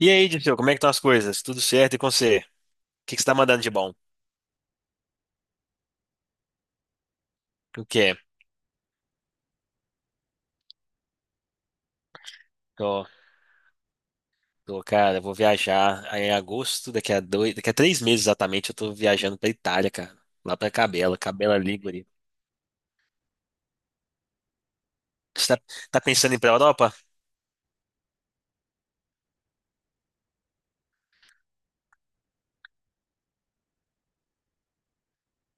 E aí, Dirceu, como é que estão as coisas? Tudo certo e com você? O que que você tá mandando de bom? O quê? Tô, tô, cara, vou viajar aí em agosto, daqui a três meses exatamente, eu tô viajando pra Itália, cara. Lá pra Cabela, Cabela Ligure. Você tá pensando em ir pra Europa?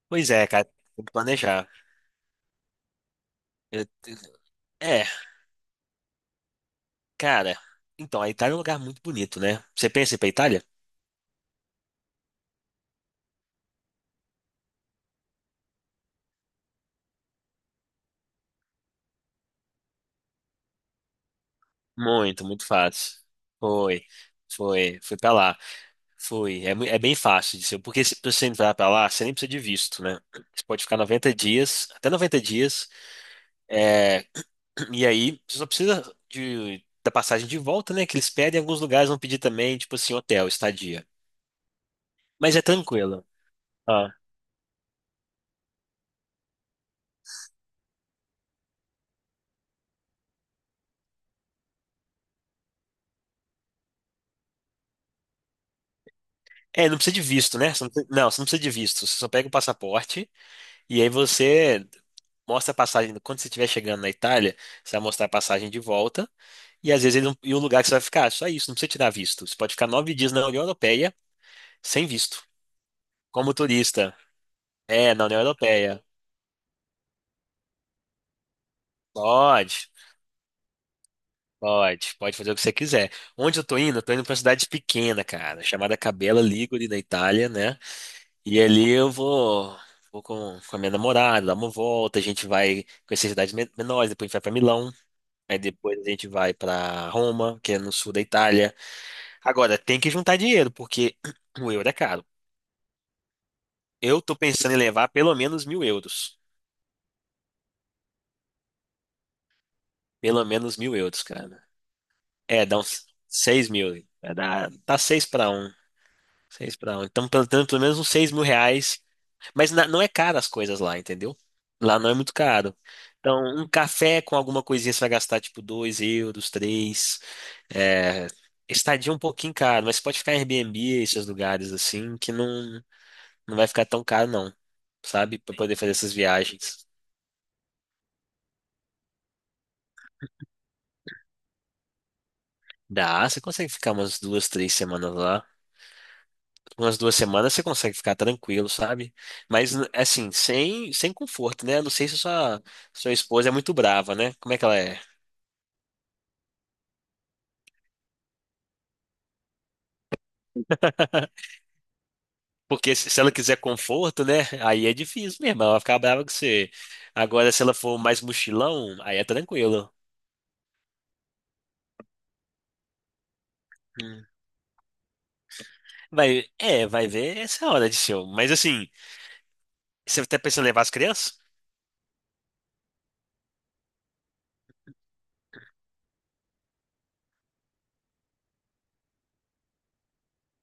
Pois é, cara, tem que planejar. Eu- É, cara, então, a Itália é um lugar muito bonito, né? Você pensa em ir pra Itália? Muito, muito fácil. Foi, fui pra lá. Fui. É, é bem fácil de ser, porque se pra você entrar pra lá, você nem precisa de visto, né? Você pode ficar 90 dias, até 90 dias, é, e aí você só precisa da passagem de volta, né? Que eles pedem, alguns lugares vão pedir também, tipo assim, hotel, estadia. Mas é tranquilo. Ah. É, não precisa de visto, né? Você não, não, você não precisa de visto. Você só pega o passaporte e aí você mostra a passagem. Quando você estiver chegando na Itália, você vai mostrar a passagem de volta. E às vezes ele não- e o lugar que você vai ficar, só isso, não precisa tirar visto. Você pode ficar 9 dias na União Europeia sem visto, como turista. É, na União Europeia. Pode, pode fazer o que você quiser. Onde eu tô indo? Eu tô indo pra uma cidade pequena, cara, chamada Cabela Ligure, na Itália, né? E ali eu vou com a minha namorada, dar uma volta, a gente vai conhecer cidades menores, depois a gente vai pra Milão, aí depois a gente vai pra Roma, que é no sul da Itália. Agora, tem que juntar dinheiro, porque o euro é caro. Eu tô pensando em levar pelo menos 1.000 euros. Pelo menos mil euros, cara. É, dá uns 6.000. É, dá seis pra um. Seis pra um. Então, pelo menos uns 6.000 reais. Mas não é caro as coisas lá, entendeu? Lá não é muito caro. Então, um café com alguma coisinha você vai gastar tipo 2 euros, três. É, estadia é um pouquinho caro, mas pode ficar em Airbnb, esses lugares assim, que não vai ficar tão caro, não. Sabe? Pra poder fazer essas viagens. Dá, você consegue ficar umas duas, três semanas lá. Umas duas semanas você consegue ficar tranquilo, sabe? Mas, assim, sem conforto, né? Eu não sei se sua esposa é muito brava, né? Como é que ela é? Porque se ela quiser conforto, né? Aí é difícil mesmo, ela vai ficar brava com você. Agora, se ela for mais mochilão, aí é tranquilo. Hum. Vai ver essa hora de show. Mas, assim, você tá pensando em levar as crianças?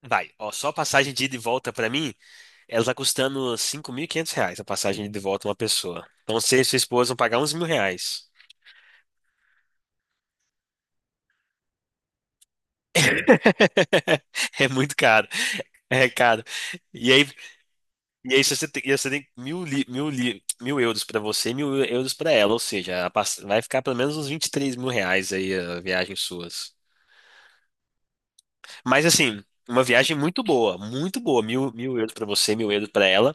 Vai, ó, só a passagem de ida e volta pra mim, ela tá custando 5.500 reais a passagem de ida e volta uma pessoa. Então, você e sua esposa vão pagar uns 1.000 reais. É muito caro. É caro. E aí, e aí se você tem mil euros pra você e 1.000 euros pra ela, ou seja, vai ficar pelo menos uns 23.000 reais aí a viagem suas. Mas assim, uma viagem muito boa, muito boa. Mil euros pra você, 1.000 euros pra ela.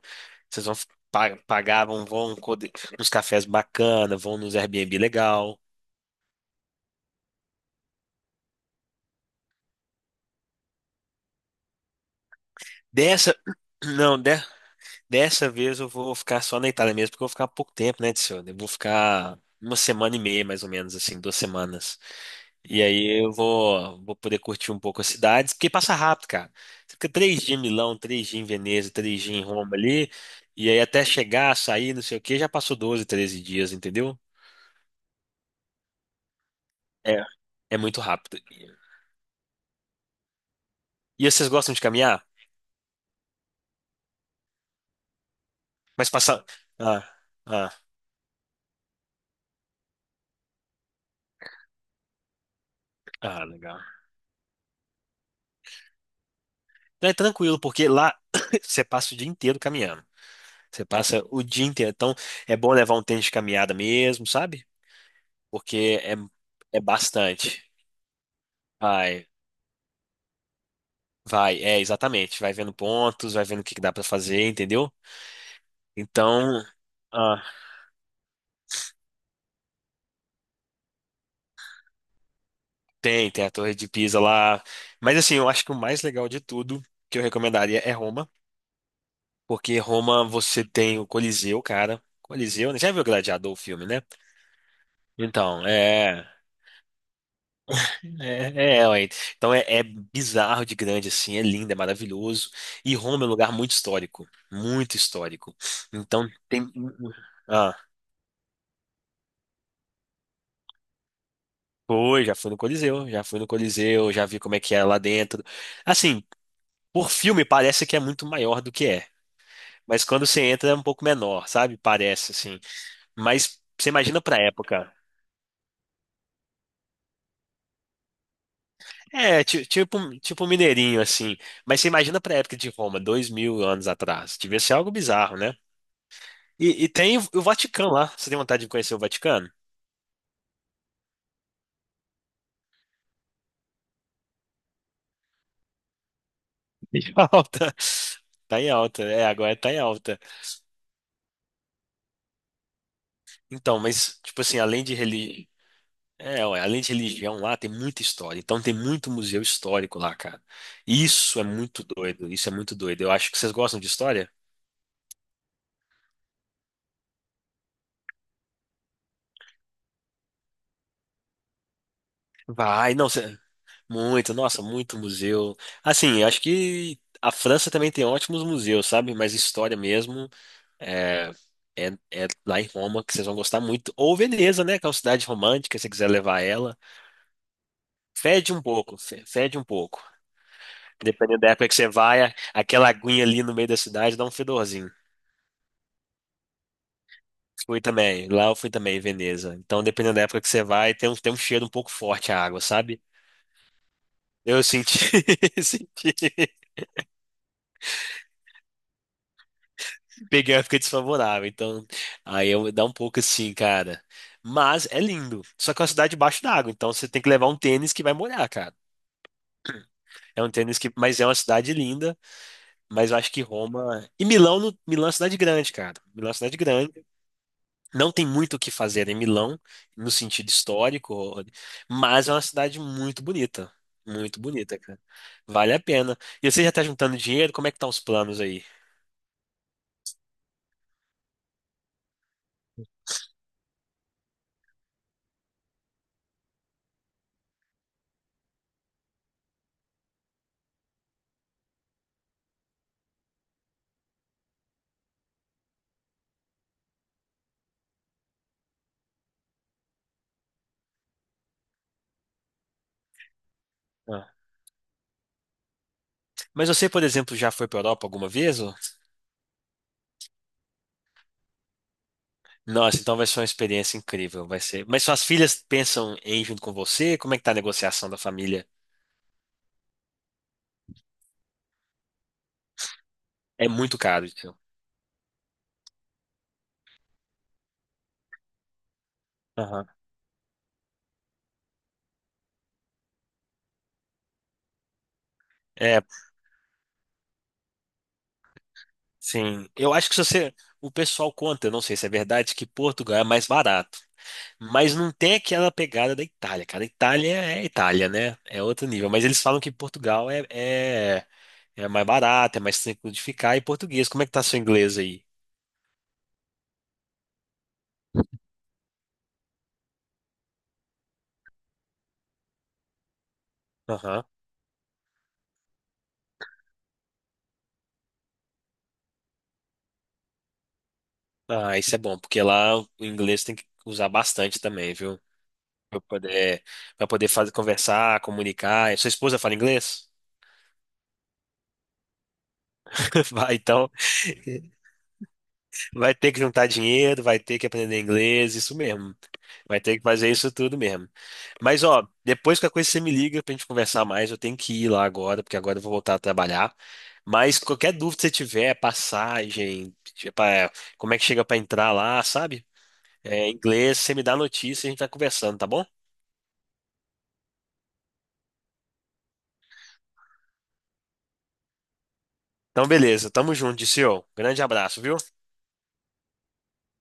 Vocês vão pagar, vão nos cafés bacana, vão nos Airbnb legal. Dessa, não, Dessa vez eu vou ficar só na Itália mesmo, porque eu vou ficar pouco tempo, né, tio? Eu vou ficar uma semana e meia, mais ou menos, assim, duas semanas. E aí eu vou poder curtir um pouco as cidades, porque passa rápido, cara. Você fica 3 dias em Milão, 3 dias em Veneza, 3 dias em Roma ali, e aí até chegar, sair, não sei o quê, já passou 12, 13 dias, entendeu? É. É muito rápido. E vocês gostam de caminhar? Mas passar. Ah, ah, ah, legal. Não, é tranquilo, porque lá você passa o dia inteiro caminhando. Você passa o dia inteiro. Então, é bom levar um tênis de caminhada mesmo, sabe? Porque é, é bastante. Vai, é exatamente. Vai vendo pontos, vai vendo o que que dá pra fazer, entendeu? Então, ah, tem a Torre de Pisa lá. Mas assim, eu acho que o mais legal de tudo que eu recomendaria é Roma, porque Roma você tem o Coliseu, cara. Coliseu, né? Já viu Gladiador, o filme, né? Então, é. É, é, ué. Então é bizarro de grande, assim, é lindo, é maravilhoso. E Roma é um lugar muito histórico, muito histórico. Então tem. Ah, já fui no Coliseu, já fui no Coliseu, já vi como é que é lá dentro. Assim, por filme parece que é muito maior do que é, mas quando você entra é um pouco menor, sabe? Parece, assim. Mas você imagina pra época. É, tipo um mineirinho, assim. Mas você imagina pra época de Roma, 2.000 anos atrás. Devia ser algo bizarro, né? E tem o Vaticano lá. Você tem vontade de conhecer o Vaticano? Em alta. Tá em alta. É, agora tá em alta. Então, mas, tipo assim, além de religião. É, ué, além de religião lá, tem muita história. Então tem muito museu histórico lá, cara. Isso é muito doido. Isso é muito doido. Eu acho que vocês gostam de história? Vai, não, muito, nossa, muito museu. Assim, eu acho que a França também tem ótimos museus, sabe? Mas história mesmo é, é lá em Roma que vocês vão gostar muito. Ou Veneza, né? Que é uma cidade romântica, se você quiser levar ela. Fede um pouco, fede um pouco. Dependendo da época que você vai, aquela aguinha ali no meio da cidade dá um fedorzinho. Fui também, lá eu fui também, em Veneza. Então, dependendo da época que você vai, tem um cheiro um pouco forte a água, sabe? Eu senti, senti. Peguei uma época desfavorável, então aí eu dá um pouco assim, cara. Mas é lindo. Só que é uma cidade debaixo d'água, então você tem que levar um tênis que vai molhar, cara. É um tênis que, mas é uma cidade linda, mas eu acho que Roma e Milão, Milão é uma cidade grande, cara. Milão é uma cidade grande. Não tem muito o que fazer em Milão no sentido histórico, mas é uma cidade muito bonita, cara. Vale a pena. E você já tá juntando dinheiro? Como é que tá os planos aí? Ah. Mas você, por exemplo, já foi pra Europa alguma vez? Ô? Nossa, então vai ser uma experiência incrível, vai ser. Mas suas filhas pensam em ir junto com você? Como é que tá a negociação da família? É muito caro, então. Aham. É, sim. Eu acho que se você, o pessoal conta, eu não sei se é verdade, que Portugal é mais barato, mas não tem aquela pegada da Itália, cara. Itália é Itália, né? É outro nível. Mas eles falam que Portugal é mais barato, é mais tranquilo de ficar. E português, como é que tá seu inglês aí? Aham. Ah, isso é bom, porque lá o inglês tem que usar bastante também, viu? Pra poder, pra poder fazer, conversar, comunicar. E sua esposa fala inglês? Vai, então, vai ter que juntar dinheiro, vai ter que aprender inglês, isso mesmo. Vai ter que fazer isso tudo mesmo. Mas, ó, depois que a coisa você me liga pra gente conversar mais, eu tenho que ir lá agora, porque agora eu vou voltar a trabalhar. Mas qualquer dúvida que você tiver, passagem, tipo, é, como é que chega pra entrar lá, sabe? É, inglês, você me dá notícia e a gente vai conversando, tá bom? Então, beleza, tamo junto, Dirceu. Grande abraço, viu?